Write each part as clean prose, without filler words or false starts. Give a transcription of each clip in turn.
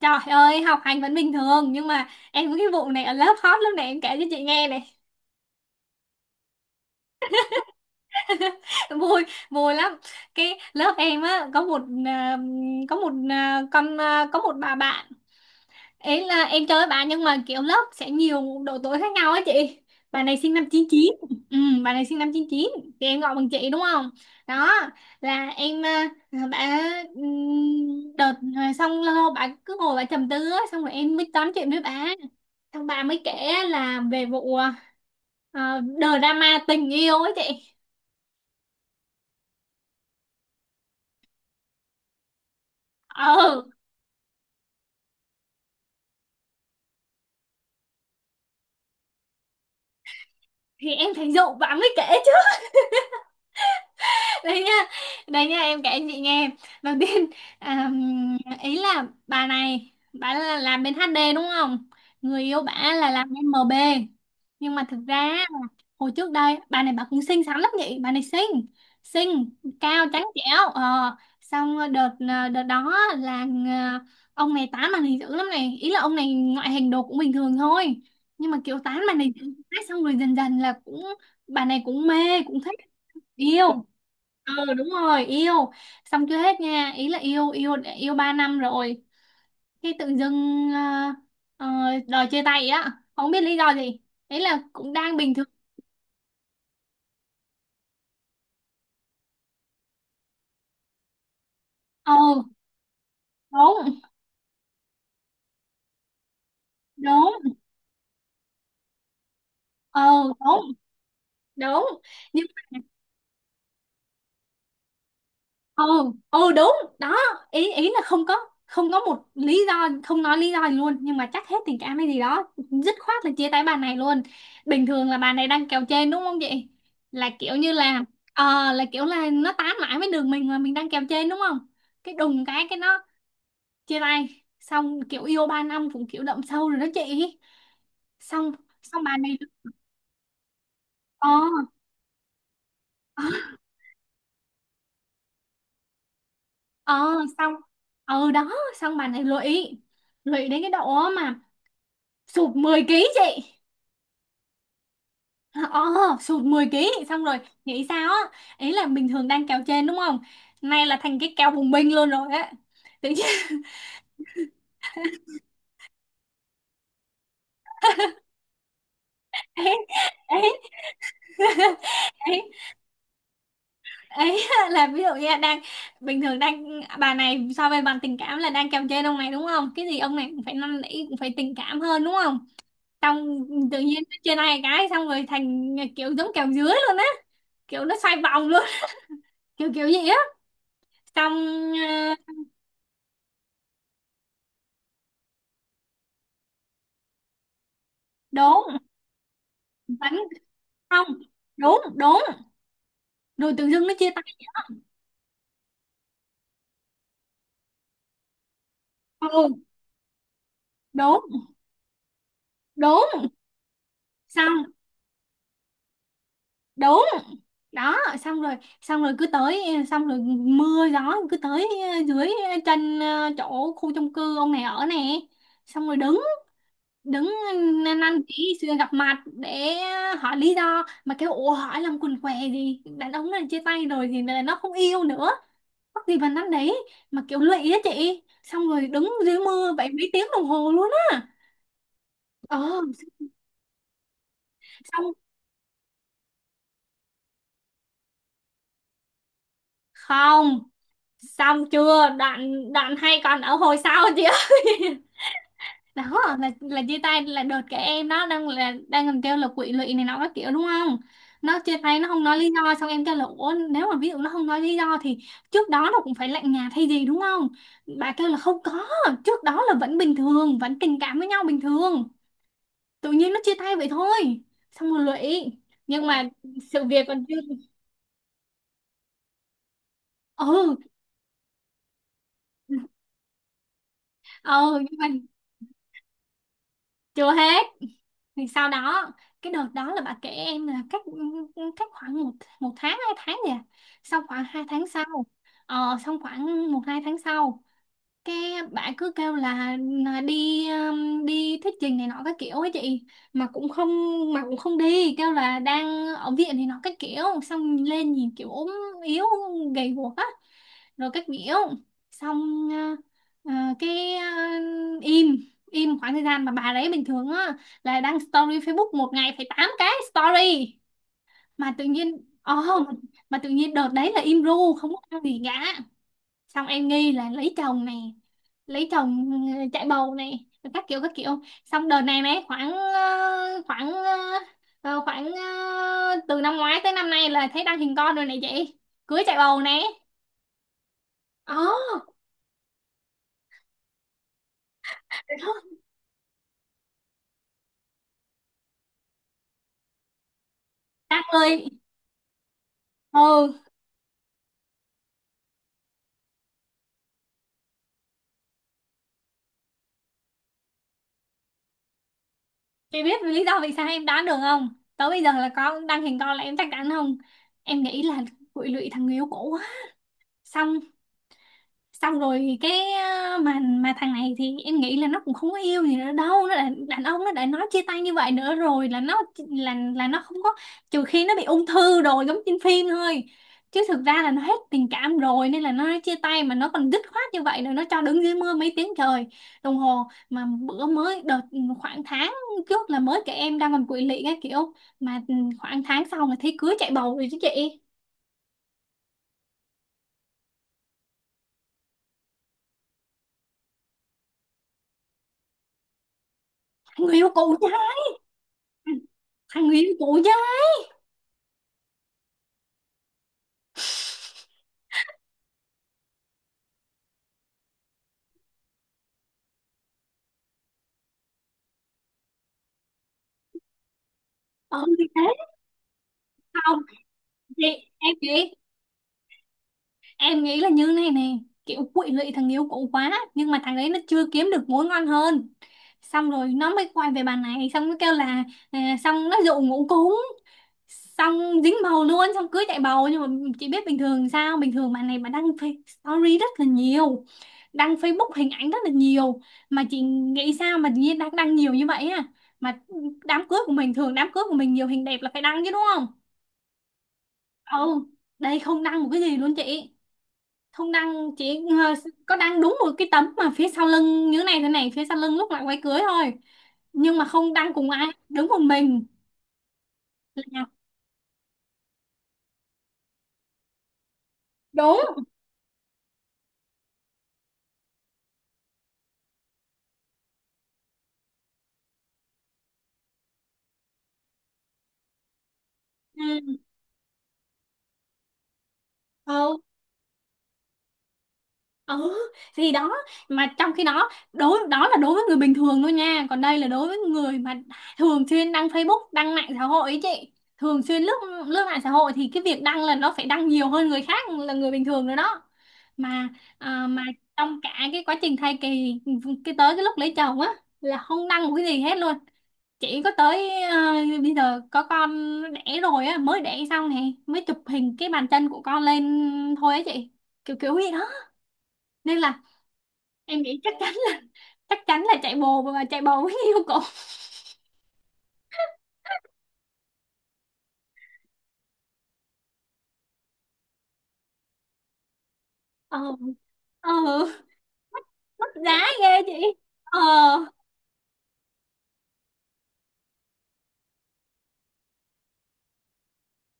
Trời ơi, học hành vẫn bình thường nhưng mà em có cái vụ này ở lớp hot lúc này, em kể cho chị nghe này. Vui, vui lắm. Cái lớp em á có một à, con à, có một bà bạn. Ấy là em chơi với bà nhưng mà kiểu lớp sẽ nhiều độ tuổi khác nhau á chị. Bà này sinh năm 99. Ừ, bà này sinh năm chín chín thì em gọi bằng chị đúng không? Đó là em à, bà đợt rồi xong lâu lâu bà cứ ngồi bà trầm tư á, xong rồi em mới tám chuyện với bà, thằng bà mới kể là về vụ ờ, drama tình yêu ấy chị. ờ thì em thấy Dụ bà mới kể. Đấy nha, đấy nha, em kể chị nghe. Đầu tiên, à, ý là bà này bà là làm bên HD đúng không, người yêu bà là làm bên MB. Nhưng mà thực ra là hồi trước đây bà này bà cũng xinh xắn lắm, vậy bà này xinh xinh cao trắng trẻo. Xong đợt đó là, ông này tán bà này dữ lắm này, ý là ông này ngoại hình đồ cũng bình thường thôi, nhưng mà kiểu tán bà này dữ quá, xong rồi dần dần là cũng bà này cũng mê cũng thích yêu. Ừ, đúng rồi yêu. Xong chưa hết nha, ý là yêu yêu yêu 3 năm rồi khi tự dưng ờ, đòi chia tay á, không biết lý do gì, ý là cũng đang bình thường. Ừ đúng đúng. Ừ đúng đúng. Nhưng Ồ, ồ đúng đó. Ý ý là không có một lý do, không nói lý do gì luôn, nhưng mà chắc hết tình cảm hay gì đó, dứt khoát là chia tay bà này luôn. Bình thường là bà này đang kèo trên đúng không chị, là kiểu như là, là kiểu là nó tán mãi với đường mình mà mình đang kèo trên đúng không. Cái đùng cái nó chia tay. Xong kiểu yêu 3 năm cũng kiểu đậm sâu rồi đó chị. Xong xong bà này, ờ ờ xong. Ừ đó, xong bà này lụy, lụy đến cái độ mà sụt 10 ký chị. Ờ, Sụt 10 ký xong rồi, nghĩ sao á, ý là bình thường đang kéo trên đúng không, nay là thành cái kéo bùng binh luôn rồi á, tự nhiên. Ấy, ấy, ấy. Ấy là ví dụ như là đang, bình thường đang bà này so với bạn tình cảm là đang kéo trên ông này đúng không, cái gì ông này cũng phải năn nỉ cũng phải tình cảm hơn đúng không. Xong tự nhiên nó trên ai cái xong rồi thành kiểu giống kéo dưới luôn á, kiểu nó xoay vòng luôn. Kiểu kiểu gì á, xong. ờ, Đúng, vẫn, không, đúng đúng, rồi tự dưng nó chia tay nhau luôn. Đúng đúng. Xong đúng đó, xong rồi, xong rồi cứ tới, xong rồi mưa gió cứ tới, dưới chân, chỗ khu chung cư ông này ở nè, xong rồi đứng, đứng, năn năn chỉ xưa gặp mặt để hỏi lý do, mà kêu ủa hỏi làm quần què gì, đàn ông này chia tay rồi thì là nó không yêu nữa, mắc gì vào năn đấy, mà kiểu lụy á chị, xong rồi đứng dưới mưa vậy mấy tiếng đồng hồ luôn á. ờ xong không Xong chưa đoạn, đoạn hay còn ở hồi sau chị ơi. Đó là chia tay là đợt cái em đó đang là đang còn kêu là quỵ lụy này nó các kiểu đúng không, nó chia tay nó không nói lý do, xong em kêu là ủa nếu mà ví dụ nó không nói lý do thì trước đó nó cũng phải lạnh nhạt hay gì đúng không. Bà kêu là không có, trước đó là vẫn bình thường vẫn tình cảm với nhau bình thường, tự nhiên nó chia tay vậy thôi, xong rồi lụy. Nhưng mà sự việc còn chưa. Ừ, ừ. Nhưng mà chưa hết. Thì sau đó cái đợt đó là bà kể em là cách, cách khoảng một, một tháng hai tháng gì. Sau khoảng 2 tháng sau, xong khoảng một hai tháng sau cái bạn cứ kêu là đi đi thuyết trình này nọ các kiểu ấy chị, mà cũng không, mà cũng không đi, kêu là đang ở viện này nọ các kiểu, xong lên nhìn kiểu ốm yếu gầy guộc á rồi các kiểu. Xong ờ, ờ, cái ờ, Im im khoảng thời gian mà bà đấy bình thường á là đăng story Facebook một ngày phải 8 cái story, mà tự nhiên ồ, mà tự nhiên đợt đấy là im ru không có đăng gì cả. Xong em nghi là lấy chồng này, lấy chồng. Ừ, chạy bầu này rồi các kiểu các kiểu. Xong đợt này này khoảng từ năm ngoái tới năm nay là thấy đăng hình con rồi này chị, cưới chạy bầu này. Ồ, vậy thôi. Đăng ơi. Ừ, chị biết lý do vì sao em đoán được không, tới bây giờ là có đăng hình con là em chắc chắn không, em nghĩ là quỵ lụy thằng người yêu cũ á. Xong, xong rồi cái mà thằng này thì em nghĩ là nó cũng không có yêu gì nữa đâu, nó đã, đàn ông nó đã nói chia tay như vậy nữa rồi là nó, là nó không có, trừ khi nó bị ung thư rồi giống trên phim thôi, chứ thực ra là nó hết tình cảm rồi nên là nó nói chia tay mà nó còn dứt khoát như vậy rồi, nó cho đứng dưới mưa mấy tiếng trời đồng hồ. Mà bữa mới đợt khoảng tháng trước là mới kể em đang còn quỵ lị cái kiểu, mà khoảng tháng sau là thấy cưới chạy bầu rồi chứ chị. Thằng người yêu cũ chứ. Thằng người yêu cũ chứ. Ừ thì thế. Thì em nghĩ, là như này này, kiểu quỵ lụy thằng yêu cũ quá nhưng mà thằng ấy nó chưa kiếm được mối ngon hơn, xong rồi nó mới quay về bà này, xong nó kêu là xong nó dụ ngủ cúng, xong dính bầu luôn, xong cưới chạy bầu. Nhưng mà chị biết bình thường sao, bình thường bà này bà đăng story rất là nhiều, đăng Facebook hình ảnh rất là nhiều, mà chị nghĩ sao mà nhiên đăng đăng nhiều như vậy mà đám cưới của mình thường đám cưới của mình nhiều hình đẹp là phải đăng chứ đúng không. Ừ. Đây không đăng một cái gì luôn chị, không đăng chỉ có đăng đúng một cái tấm mà phía sau lưng như thế này thế này, phía sau lưng lúc lại quay cưới thôi, nhưng mà không đăng cùng ai đứng một mình. Là đúng. Ừ. Ừ. Ừ thì đó, mà trong khi đó đối đó là đối với người bình thường thôi nha, còn đây là đối với người mà thường xuyên đăng Facebook đăng mạng xã hội ấy chị, thường xuyên lướt, lướt mạng xã hội thì cái việc đăng là nó phải đăng nhiều hơn người khác là người bình thường rồi đó. mà mà trong cả cái quá trình thai kỳ cái tới cái lúc lấy chồng á là không đăng một cái gì hết luôn, chỉ có tới bây giờ có con đẻ rồi á mới đẻ xong này mới chụp hình cái bàn chân của con lên thôi á chị, kiểu kiểu gì đó, nên là em nghĩ chắc chắn, chắc chắn là chạy bồ, mà chạy bồ mới yêu cổ. Ờ, ừ mất giá ghê chị. ờ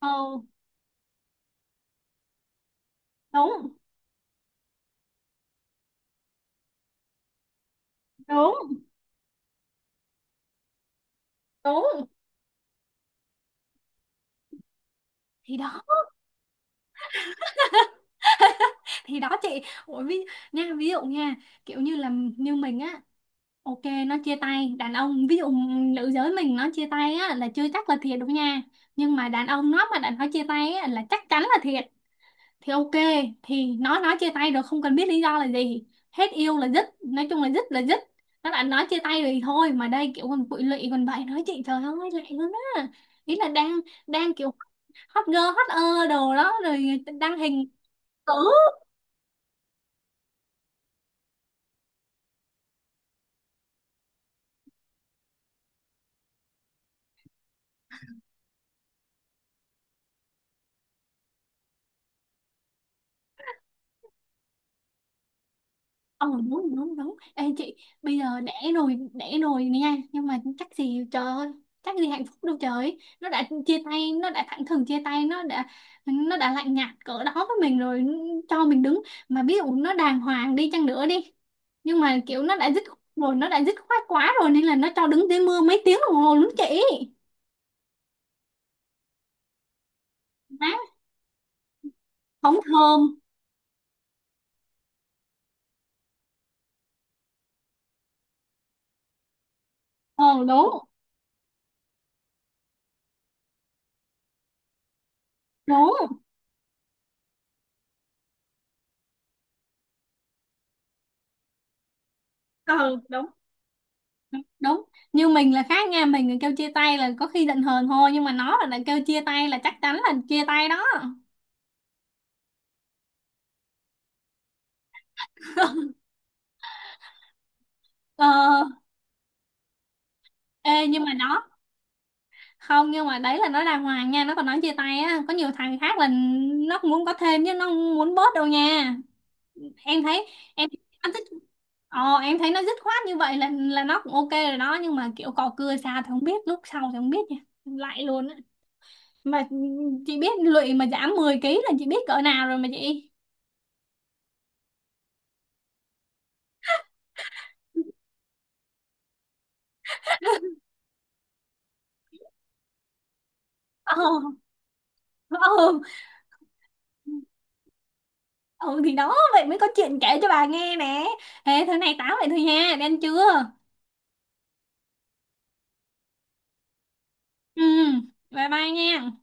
ờ Đúng đúng đúng, thì đó, thì đó chị. Ủa, ví, nha ví dụ nha, kiểu như là như mình á, ok nó chia tay, đàn ông ví dụ nữ giới mình nó chia tay á là chưa chắc là thiệt đâu nha, nhưng mà đàn ông nó mà đã nó chia tay á là chắc chắn là thiệt, thì ok thì nói chia tay rồi không cần biết lý do là gì, hết yêu là dứt, nói chung là dứt là dứt, nó đã nói chia tay rồi thôi, mà đây kiểu còn bụi lụy còn vậy nói chị trời ơi lẹ luôn á. Ý là đang, đang kiểu hot girl hot đồ đó rồi đăng hình. Ừ. Ờ đúng đúng đúng. Ê chị bây giờ đẻ rồi nha, nhưng mà chắc gì trời ơi, chắc gì hạnh phúc đâu trời. Nó đã chia tay, nó đã thẳng thừng chia tay, nó đã, nó đã lạnh nhạt cỡ đó với mình rồi. Ừ, Cho mình đứng, mà ví dụ nó đàng hoàng đi chăng nữa đi, nhưng mà kiểu nó đã dứt rồi, nó đã dứt khoát quá rồi, nên là nó cho đứng dưới mưa mấy tiếng đồng hồ luôn chị. Má, không thơm. Ờ đúng đúng. Ừ đúng đúng đúng. Như mình là khác nha, mình là kêu chia tay là có khi giận hờn thôi, nhưng mà nó là đã kêu chia tay là chắc chắn là chia tay đó. Ờ. Ê nhưng mà nó, không nhưng mà đấy là nó đàng hoàng nha, nó còn nói chia tay á có nhiều thằng khác là nó cũng muốn có thêm chứ nó không muốn bớt đâu nha. Em thấy, em anh thích. Em thấy nó dứt khoát như vậy là nó cũng ok rồi đó, nhưng mà kiểu cò cưa xa thì không biết, lúc sau thì không biết nha, lại luôn á mà. Chị biết lụy mà giảm 10 ký là chị biết cỡ nào rồi mà chị. Ờ. Ừ. Ừ thì đó vậy mới có chuyện kể cho bà nghe nè, thế thế này tám vậy thôi nha, đi ăn trưa. Ừ, bye bye nha.